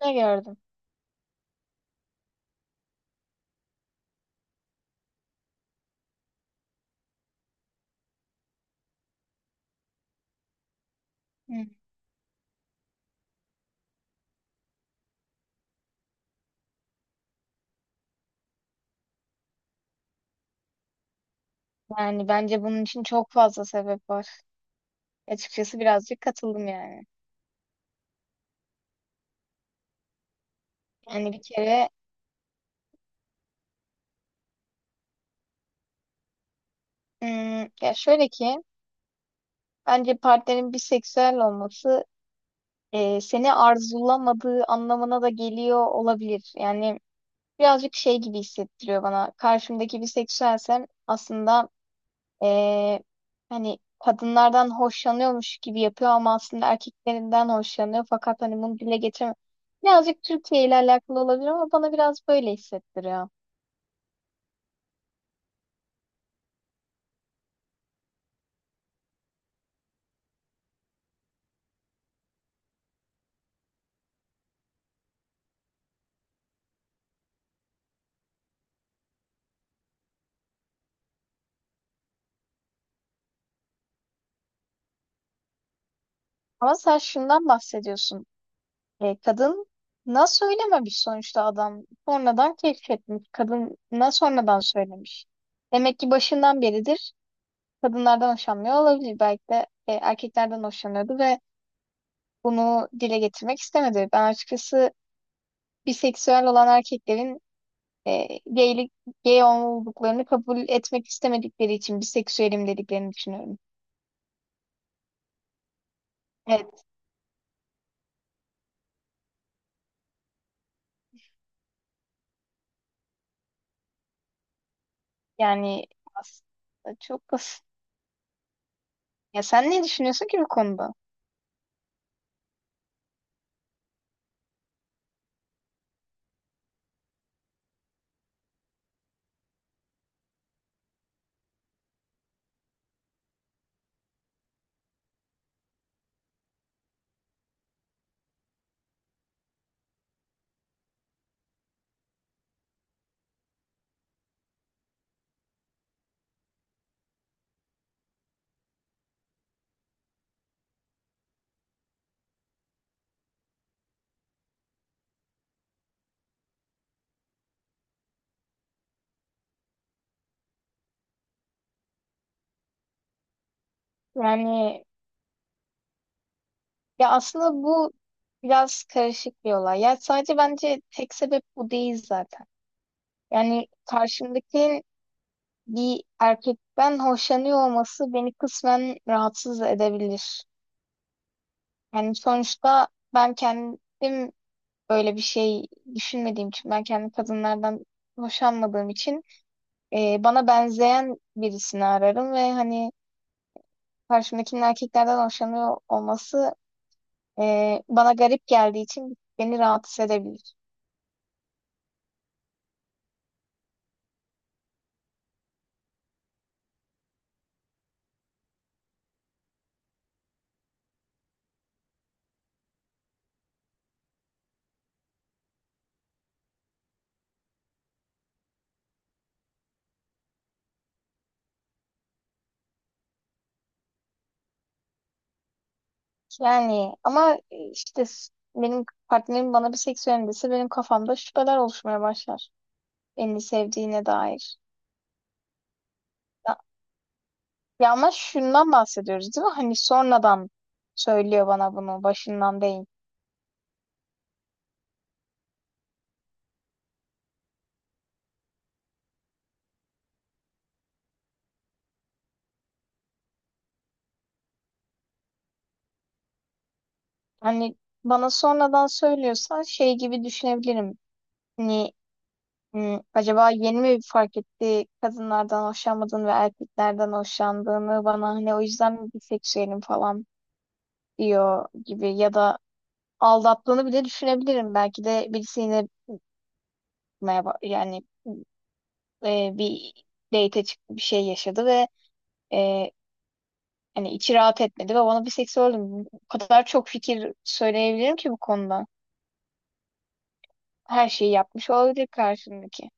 Ne gördüm? Hı. Yani bence bunun için çok fazla sebep var. Açıkçası birazcık katıldım yani. Yani bir kere ya şöyle ki bence partnerin biseksüel olması seni arzulamadığı anlamına da geliyor olabilir. Yani birazcık şey gibi hissettiriyor bana. Karşımdaki biseksüelsem aslında e, hani kadınlardan hoşlanıyormuş gibi yapıyor ama aslında erkeklerinden hoşlanıyor fakat hani bunu dile getirmiyor. Birazcık Türkiye ile alakalı olabilir ama bana biraz böyle hissettiriyor. Ama sen şundan bahsediyorsun. Kadın nasıl söylememiş sonuçta adam sonradan keşfetmiş. Kadına sonradan söylemiş. Demek ki başından beridir kadınlardan hoşlanmıyor olabilir. Belki de erkeklerden hoşlanıyordu ve bunu dile getirmek istemedi. Ben açıkçası biseksüel olan erkeklerin e, gaylik, gay olduklarını kabul etmek istemedikleri için biseksüelim dediklerini düşünüyorum. Evet, yani aslında çok basit. Ya sen ne düşünüyorsun ki bu konuda? Yani ya aslında bu biraz karışık bir olay. Ya sadece bence tek sebep bu değil zaten. Yani karşımdakinin bir erkekten hoşlanıyor olması beni kısmen rahatsız edebilir. Yani sonuçta ben kendim böyle bir şey düşünmediğim için ben kendi kadınlardan hoşlanmadığım için bana benzeyen birisini ararım ve hani karşımdakinin erkeklerden hoşlanıyor olması bana garip geldiği için beni rahatsız edebilir. Yani ama işte benim partnerim bana bir seksüelim dese benim kafamda şüpheler oluşmaya başlar. Beni sevdiğine dair. Ya, ya, ama şundan bahsediyoruz değil mi? Hani sonradan söylüyor bana bunu başından değil. Hani bana sonradan söylüyorsa şey gibi düşünebilirim. Hani acaba yeni mi fark etti kadınlardan hoşlanmadığını ve erkeklerden hoşlandığını bana hani o yüzden mi biseksüelim falan diyor gibi ya da aldattığını bile düşünebilirim. Belki de birisi yine merhaba, yani bir date çıktı bir şey yaşadı ve e, hani içi rahat etmedi ve bana biseksüelim. O kadar çok fikir söyleyebilirim ki bu konuda. Her şeyi yapmış olabilir karşımdaki.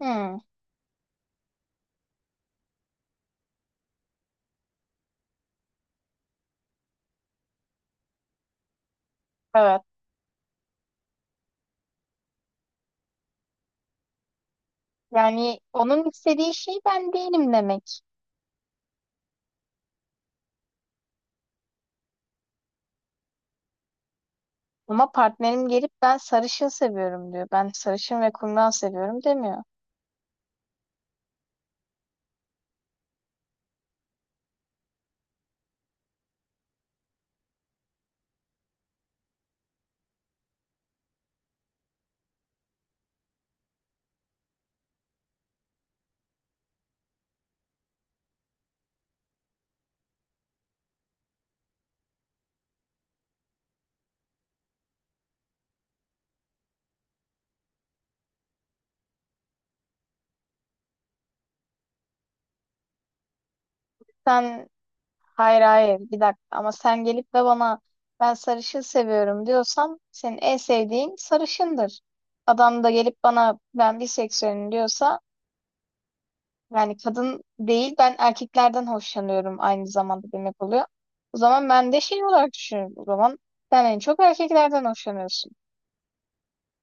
Hmm. Evet. Yani onun istediği şey ben değilim demek. Ama partnerim gelip ben sarışın seviyorum diyor. Ben sarışın ve kumral seviyorum demiyor. Sen hayır hayır, bir dakika, ama sen gelip de bana ben sarışın seviyorum diyorsam senin en sevdiğin sarışındır. Adam da gelip bana ben biseksüelim diyorsa yani kadın değil ben erkeklerden hoşlanıyorum aynı zamanda demek oluyor. O zaman ben de şey olarak düşünüyorum. O zaman sen en çok erkeklerden hoşlanıyorsun.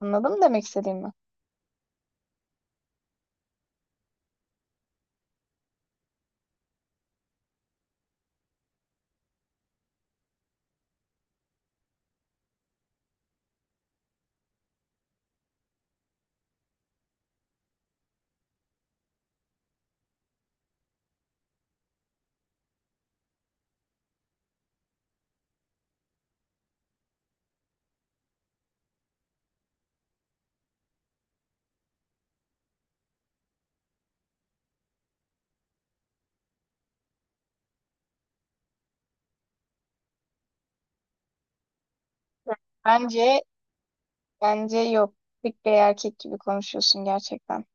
Anladın mı demek istediğimi? Bence bence yok. Tık bir erkek gibi konuşuyorsun gerçekten.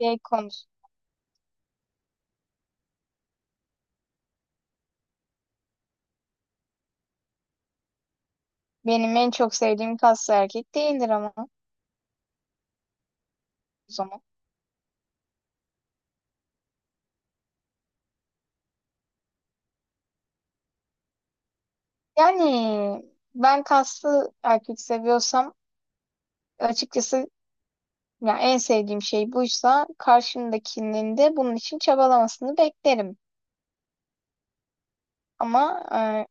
Şey konuş. Benim en çok sevdiğim kaslı erkek değildir ama o zaman. Yani ben kaslı erkek seviyorsam açıkçası ya en sevdiğim şey buysa karşımdakinin de bunun için çabalamasını beklerim. Ama e,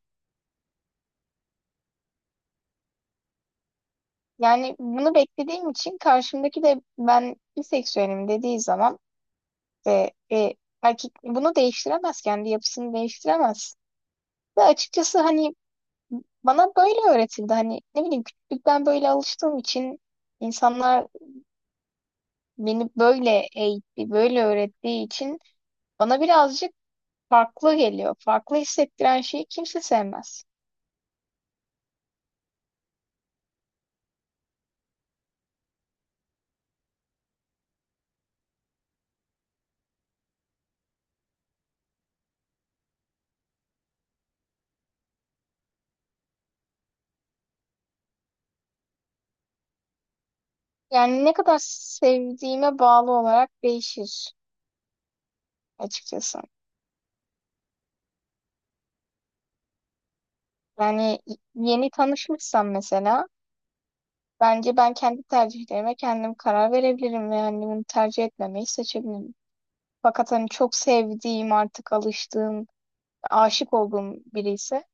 yani bunu beklediğim için karşımdaki de ben biseksüelim dediği zaman e, e, erkek bunu değiştiremez kendi yapısını değiştiremez. Ve açıkçası hani bana böyle öğretildi. Hani ne bileyim küçüklükten böyle alıştığım için insanlar beni böyle eğitti, böyle öğrettiği için bana birazcık farklı geliyor. Farklı hissettiren şeyi kimse sevmez. Yani ne kadar sevdiğime bağlı olarak değişir açıkçası. Yani yeni tanışmışsam mesela bence ben kendi tercihlerime kendim karar verebilirim ve yani bunu tercih etmemeyi seçebilirim. Fakat hani çok sevdiğim, artık alıştığım, aşık olduğum biri ise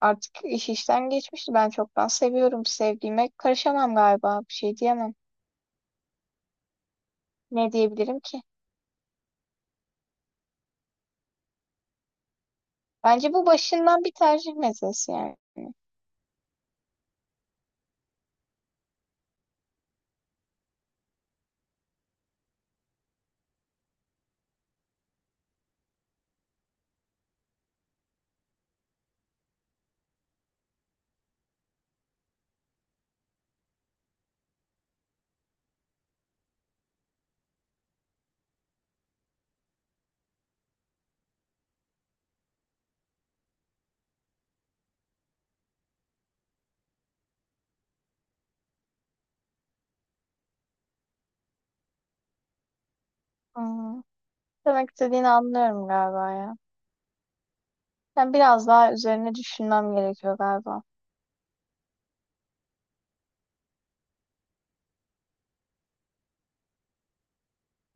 artık iş işten geçmişti. Ben çoktan seviyorum. Sevdiğime karışamam galiba. Bir şey diyemem. Ne diyebilirim ki? Bence bu başından bir tercih meselesi yani. Hmm. Demek istediğini anlıyorum galiba ya. Ben biraz daha üzerine düşünmem gerekiyor galiba.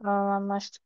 Anlaştık.